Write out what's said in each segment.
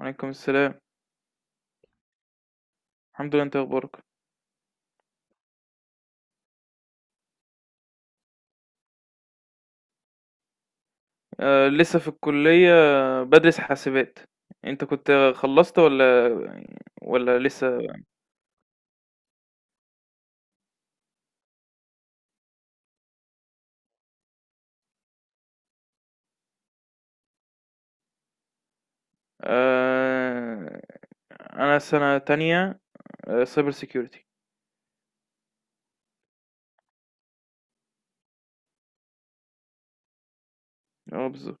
وعليكم السلام. الحمد لله، انت اخبارك؟ آه، لسه في الكلية، بدرس حاسبات. انت كنت خلصت ولا لسه؟ آه، انا سنة تانية، سايبر سيكيورتي. اه، بالظبط.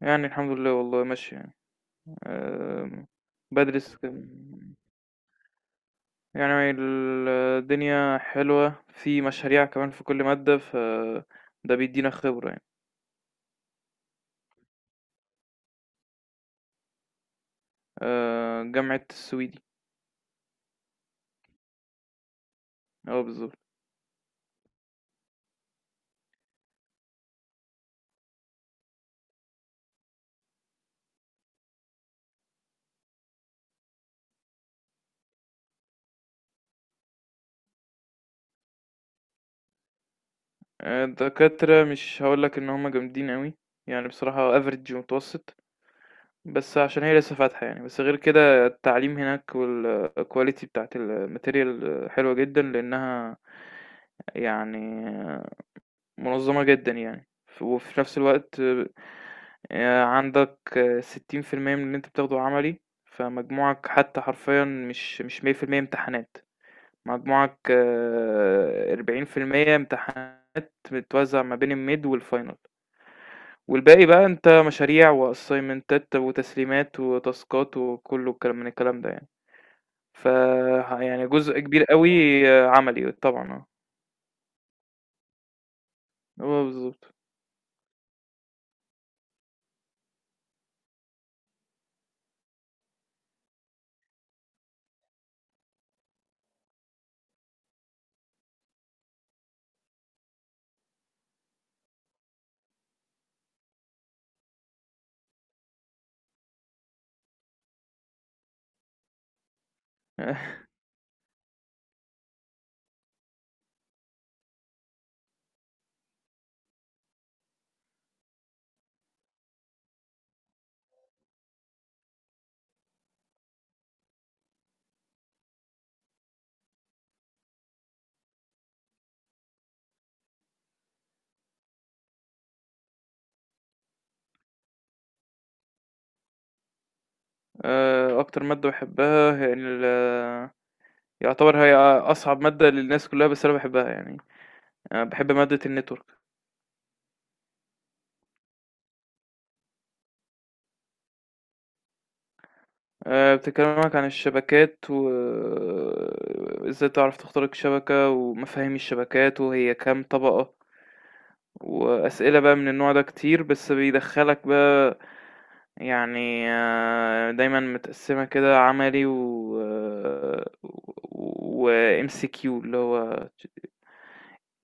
يعني الحمد لله، والله ماشي يعني. آه بدرس كم- يعني الدنيا حلوة، في مشاريع كمان في كل مادة، ده بيدينا خبرة يعني. آه، جامعة السويدي. اه، بالظبط. الدكاترة مش هقولك ان هما جامدين قوي، يعني بصراحة افريج ومتوسط. بس عشان هي لسه فاتحة يعني، بس غير كده التعليم هناك والكواليتي بتاعت الماتيريال حلوة جدا، لانها يعني منظمة جدا يعني. وفي نفس الوقت عندك 60% من اللي انت بتاخده عملي، فمجموعك حتى حرفيا مش 100% امتحانات. مجموعك 40% امتحانات، متوزع ما بين الميد والفاينل. والباقي بقى انت مشاريع واسايمنتات وتسليمات وتاسكات، وكله الكلام من الكلام ده يعني. ف يعني جزء كبير قوي عملي، طبعا اه. هو بالظبط. اكتر ماده بحبها هي يعتبر هي اصعب ماده للناس كلها، بس انا بحبها يعني. أنا بحب ماده النتورك. بتكلمك عن الشبكات وازاي تعرف تخترق شبكه، ومفاهيم الشبكات وهي كام طبقه. وأسئلة بقى من النوع ده كتير، بس بيدخّلك بقى يعني، دايمًا متقسّمة كده، عملي وMCQ اللي هو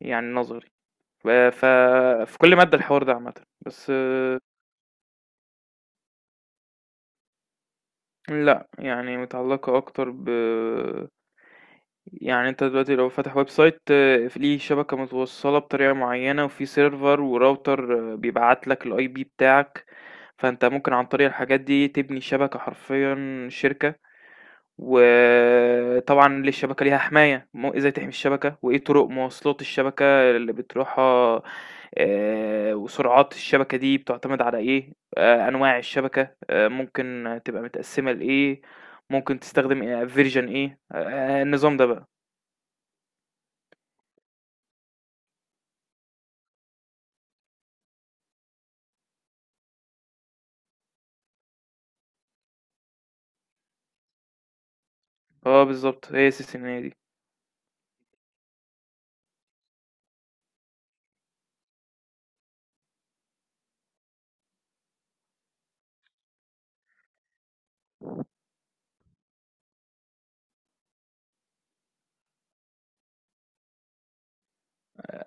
يعني نظري. ف في كل مادة الحوار ده عامةً، بس لأ يعني متعلّقة أكتر يعني انت دلوقتي لو فاتح ويب سايت في ليه شبكة متوصلة بطريقة معينة، وفي سيرفر وراوتر بيبعت لك الاي بي بتاعك. فانت ممكن عن طريق الحاجات دي تبني شبكة حرفيا شركة. وطبعا للشبكة ليها حماية، ازاي تحمي الشبكة، وايه طرق مواصلات الشبكة اللي بتروحها. وسرعات الشبكة دي بتعتمد على ايه، انواع الشبكة ممكن تبقى متقسمة لايه، ممكن تستخدم فيرجن ايه، النظام ده بقى. آه بالضبط، هي السيستمية دي.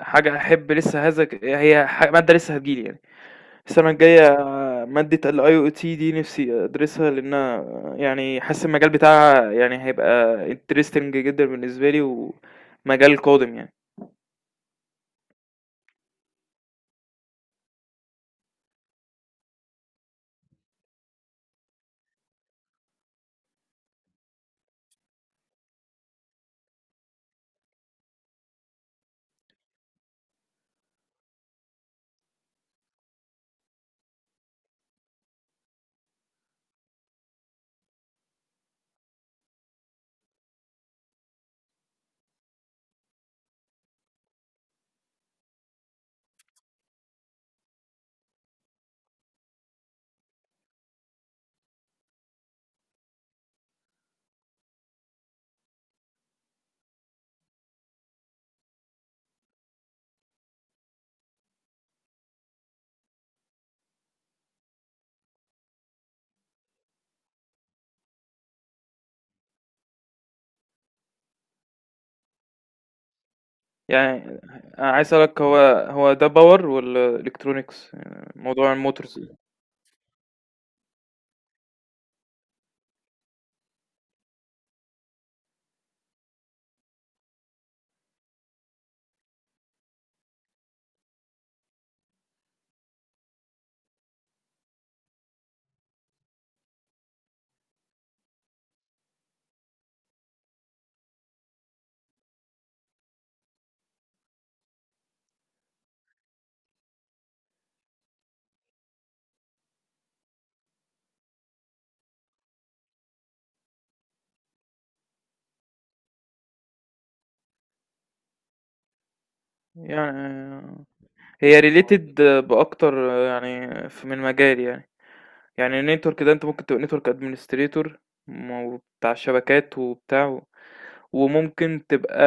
حاجة هاحب لسه هذا ك هي ح مادة لسه هتيجي لي يعني. السنة الجاية مادة الIoT دي نفسي أدرسها، لأنها يعني حاسس المجال بتاعها يعني هيبقى interesting جدًا بالنسبة لي، ومجال قادم يعني. يعني أنا عايز أسألك، هو ده power والّا electronics؟ موضوع المotors؟ يعني هي related بأكتر، يعني من مجالي يعني. يعني نتورك ده انت ممكن تبقى نتورك ادمنستريتور، بتاع الشبكات وبتاع وممكن تبقى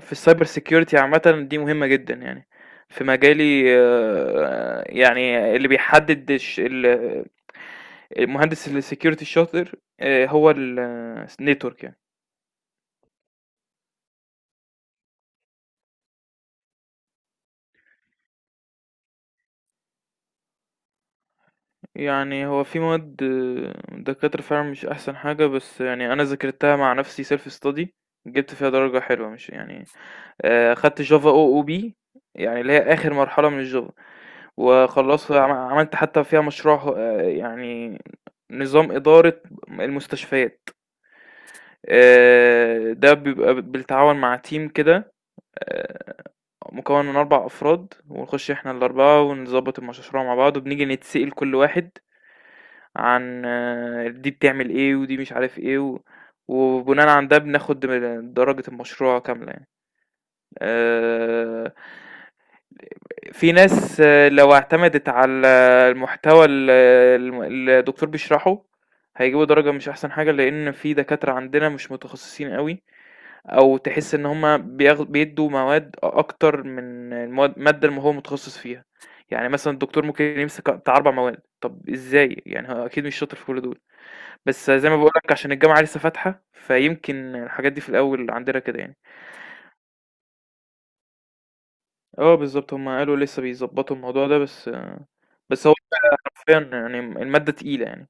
في السايبر سيكيورتي عامة، دي مهمة جدا يعني في مجالي. يعني اللي بيحدد المهندس السكيورتي الشاطر هو النتورك يعني. يعني هو في مواد دكاترة فعلا مش احسن حاجة، بس يعني انا ذاكرتها مع نفسي سيلف ستادي، جبت فيها درجة حلوة مش يعني. خدت Java OOP، يعني اللي هي آخر مرحلة من الJava. وخلّصت عملت حتى فيها مشروع، يعني نظام إدارة المستشفيات. ده بيبقى بالتعاون مع team كده. آآ مكوّن من 4 أفراد، ونخش إحنا ال4 ونضبّط المشروع مع بعض، وبنيجي نتسأل كل واحد عن دي بتعمل إيه، ودي مش عارف إيه، و وبناءً عن ده بناخد درجة المشروع كاملة يعني. آآ في ناس، لو اعتمدت على المحتوى ال الم اللي الدكتور بيشرحه، هيجيبوا درجة مش أحسن حاجة، لإن في دكاترة عندنا مش متخصصين أوي. أو تحس إن هُم بيدّوا مواد أكتر من المادة اللي هو متخصص فيها. يعني مثلًا الدكتور ممكن يمسك بتاع 4 مواد، طب إزاي؟ يعني هو أكيد مش شاطر في كل دول. بس زي ما باقول لك، عشان الجامعة لسه فاتحة، فيمكن الحاجات دي في الأول عندنا كده يعني. آه بالضبط، هُم قالوا لسه بيضبّطوا الموضوع ده. بس حرفيًا يعني المادة تقيلة يعني.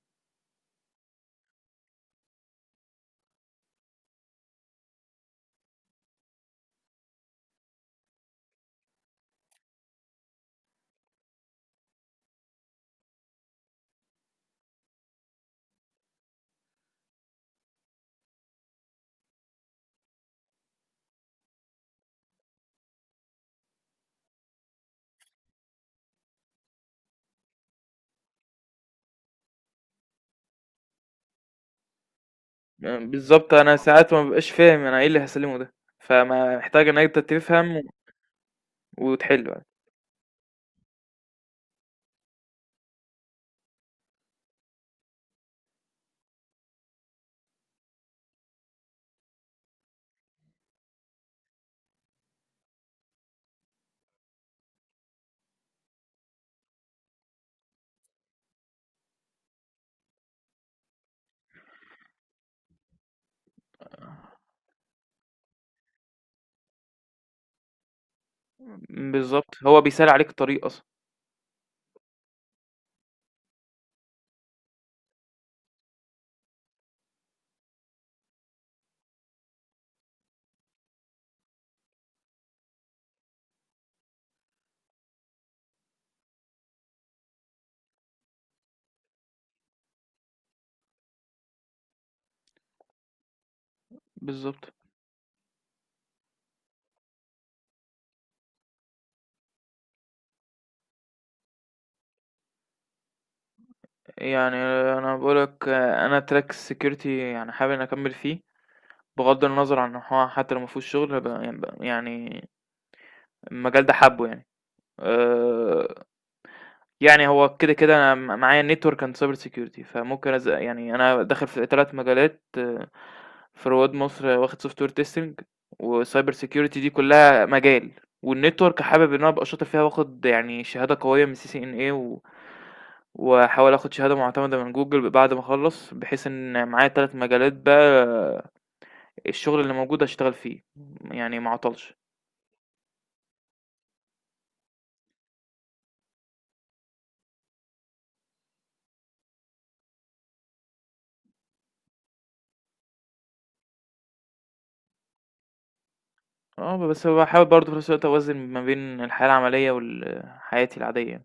بالضبط، أنا ساعات ما بابقاش فاهم أنا إيه اللي هاسلّمه ده، فمحتاج إن أنت تفهم وتحل. بالضبط، هو بيسهّل عليك الطريق أصلًا. بالضبط، يعني أنا باقول لك أنا track security، يعني حابب إني أكمّل فيه، بغض النظر عن إن هو حتى لو ما فيهوش شغل، يعني يعني المجال ده حابّه يعني. آآ، يعني هو كده، كده أنا معايا network and cyber security، فممكن يعني أنا داخل في 3 مجالات. في رواد مصر واخد سوفت وير تيستنج وسايبر سيكيورتي، دي كلها مجال. والنتورك حابب ان انا ابقى شاطر فيها، واخد يعني شهاده قويه من سي سي ان اي واحاول اخد شهاده معتمده من جوجل بعد ما اخلص، بحيث ان معايا 3 مجالات، بقى الشغل اللي موجود اشتغل فيه يعني ما اعطلش. اه، بس بحاول برضه في نفس الوقت اوازن ما بين الحياه العمليه وحياتي العاديه.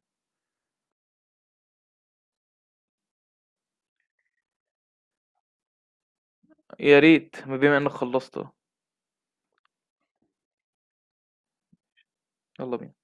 يا ريت، ما بما انك خلصت. يلا بينا.